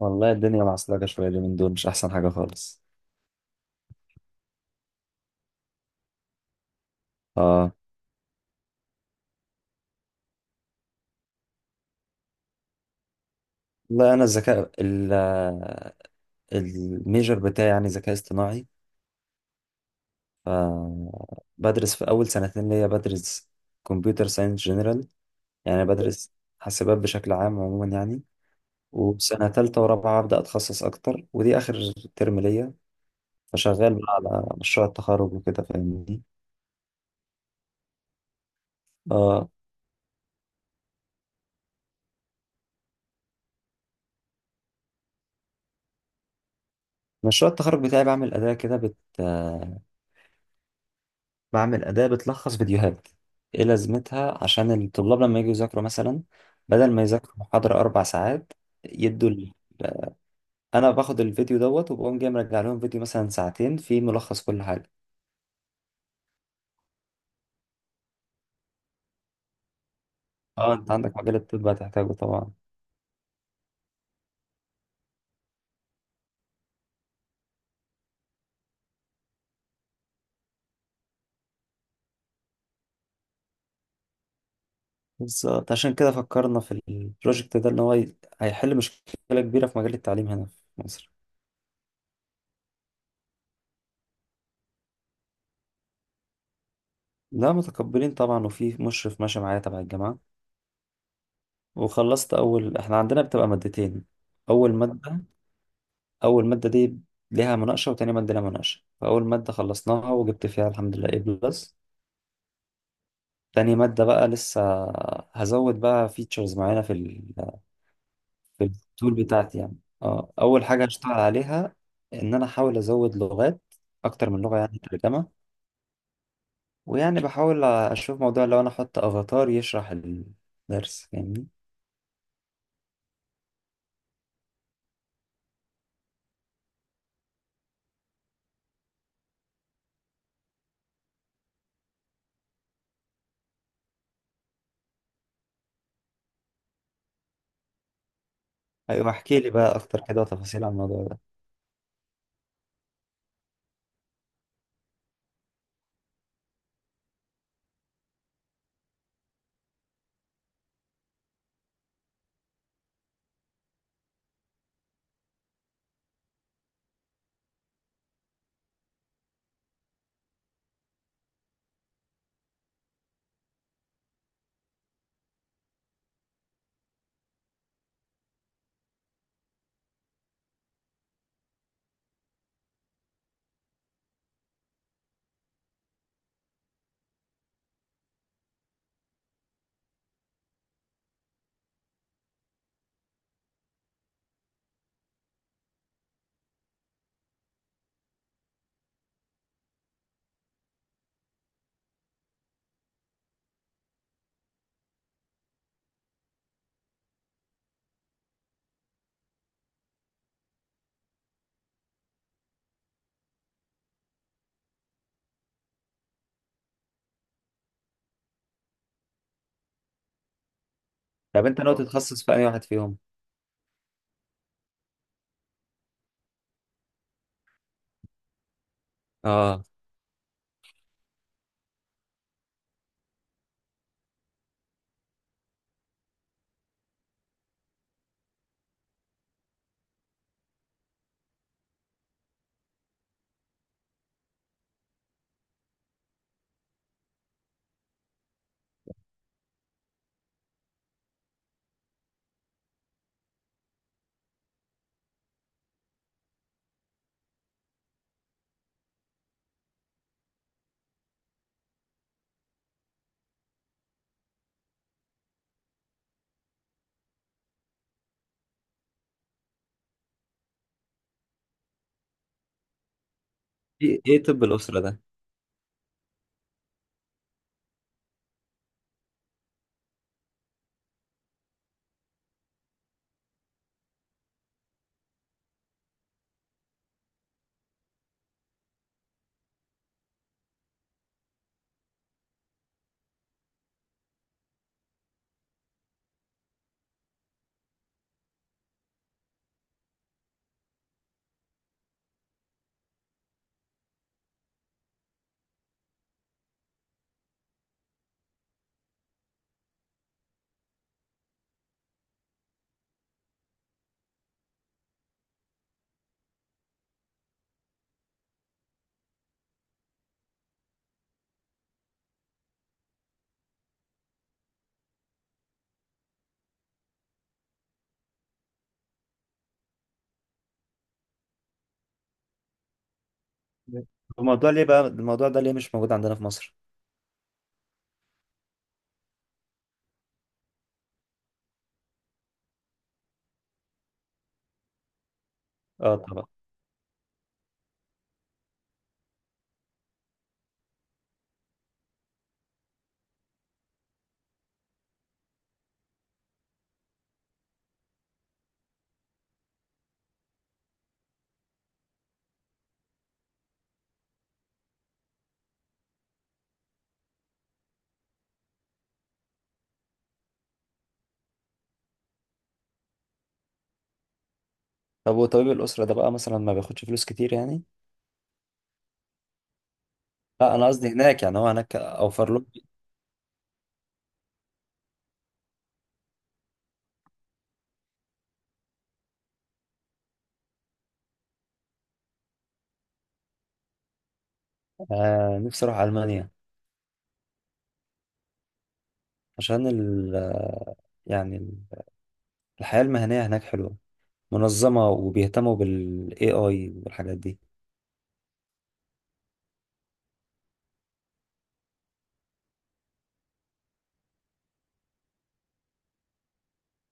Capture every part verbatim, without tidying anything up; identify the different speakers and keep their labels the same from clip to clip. Speaker 1: والله الدنيا معصلجة شوية اليومين دول مش أحسن حاجة خالص. اه. والله أنا الذكاء ال- الميجر بتاعي يعني ذكاء اصطناعي. ف بدرس في أول سنتين ليا بدرس كمبيوتر ساينس جنرال، يعني بدرس حاسبات بشكل عام عموما يعني. وسنة تالتة ورابعة أبدأ أتخصص أكتر ودي آخر ترم ليا، فشغال بقى على مشروع التخرج وكده فاهمني. اه. مشروع التخرج بتاعي بعمل أداة كده بت بعمل أداة بتلخص فيديوهات. إيه لازمتها؟ عشان الطلاب لما يجوا يذاكروا مثلا، بدل ما يذاكروا محاضرة أربع ساعات، يدوا لي أنا باخد الفيديو دوت وبقوم جاي مرجع لهم فيديو مثلا ساعتين فيه ملخص كل حاجة. اه، انت عندك مجال الطب هتحتاجه طبعا. بالظبط، عشان كده فكرنا في البروجكت ده ان هو ي- هيحل مشكلة كبيرة في مجال التعليم هنا في مصر. لا متقبلين طبعا، وفي مشرف ماشي معايا تبع الجامعة. وخلصت أول، احنا عندنا بتبقى مادتين. أول مادة اول ماده دي ليها مناقشه وتاني ماده ليها مناقشه، فاول ماده خلصناها وجبت فيها الحمد لله A بلس. تاني ماده بقى لسه هزود بقى فيتشرز معينه في ال في التول بتاعتي يعني. اه، اول حاجه هشتغل عليها ان انا احاول ازود لغات اكتر من لغه يعني ترجمه. ويعني بحاول اشوف موضوع لو انا احط افاتار يشرح الدرس فاهمني. ايوه، احكي لي بقى اكتر كده تفاصيل عن الموضوع ده. طب انت ناوي آه. تتخصص في اي واحد فيهم؟ اه. ايه إيه طب الاسره ده؟ الموضوع ليه بقى الموضوع ده ليه مش موجود عندنا في مصر؟ اه طبعا. طب وطبيب الأسرة ده بقى مثلا ما بياخدش فلوس كتير يعني؟ لا، أنا قصدي هناك، يعني هو هناك أوفر له. آه، نفسي أروح ألمانيا. عشان ال آه، يعني ال- الحياة المهنية هناك حلوة منظمة وبيهتموا بال A I والحاجات دي.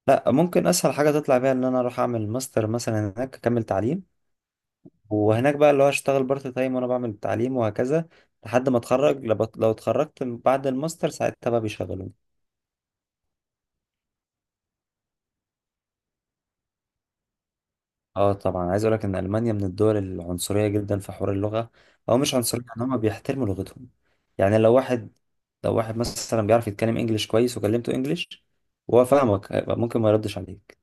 Speaker 1: لا، ممكن أسهل حاجة تطلع بيها إن أنا أروح أعمل ماستر مثلا هناك أكمل تعليم. وهناك بقى اللي هو أشتغل بارت تايم وأنا بعمل التعليم وهكذا، لحد ما أتخرج. لو لو اتخرجت بعد الماستر ساعتها بقى بيشغلوني. اه طبعا، عايز اقول لك ان المانيا من الدول العنصريه جدا في حوار اللغه، او مش عنصريه، ان هم بيحترموا لغتهم. يعني لو واحد، لو واحد مثلا بيعرف يتكلم انجليش كويس وكلمته انجليش وهو فاهمك هيبقى ممكن ما يردش عليك.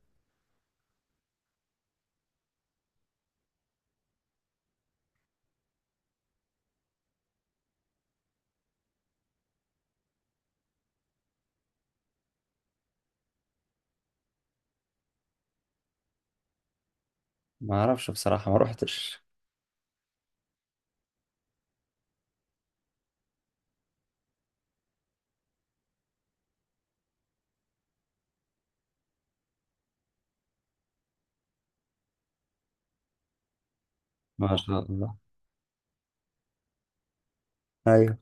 Speaker 1: ما اعرفش بصراحه، ما روحتش. ما شاء الله. ايوه،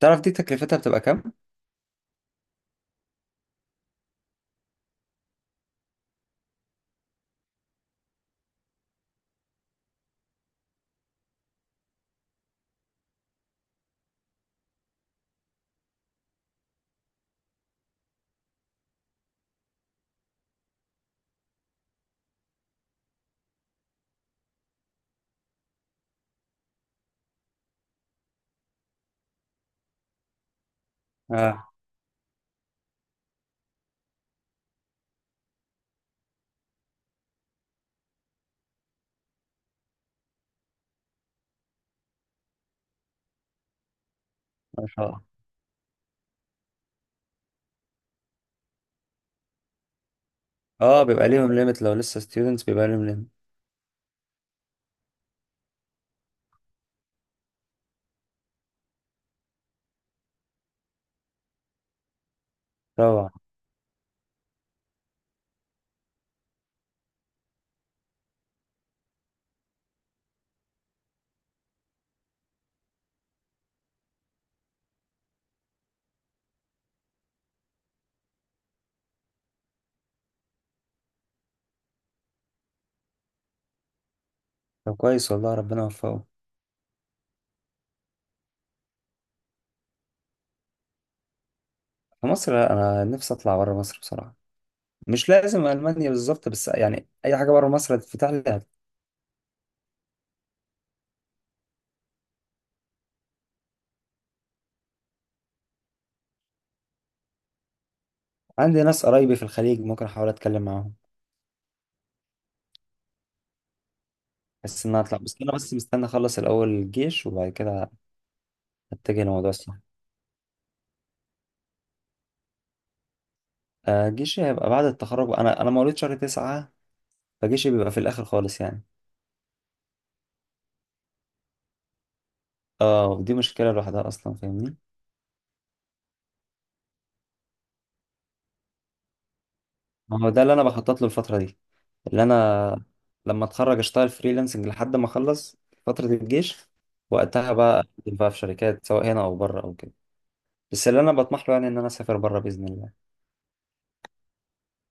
Speaker 1: تعرف دي تكلفتها بتبقى كام؟ اه، ما شاء الله. اه، بيبقى ليهم ليميت لو لسه ستودنتس بيبقى ليهم ليميت. طبعا. طب كويس والله، ربنا يوفقه. في مصر لا، انا نفسي اطلع بره مصر بصراحه. مش لازم المانيا بالظبط، بس يعني اي حاجه بره مصر هتتفتح لي. عندي ناس قرايبي في الخليج، ممكن احاول اتكلم معاهم. بس ان انا اطلع، بس انا بس مستني اخلص الاول الجيش وبعد كده اتجه لموضوع السفر. آه، جيشي هيبقى بعد التخرج، انا انا مواليد شهر تسعة، فجيشي بيبقى في الاخر خالص يعني. اه، ودي مشكله لوحدها اصلا فاهمني. ما هو ده اللي انا بخطط له الفتره دي، اللي انا لما اتخرج اشتغل فريلانسنج لحد ما اخلص فتره الجيش. وقتها بقى أقدم بقى في شركات سواء هنا او بره او كده. بس اللي انا بطمح له يعني ان انا اسافر بره باذن الله.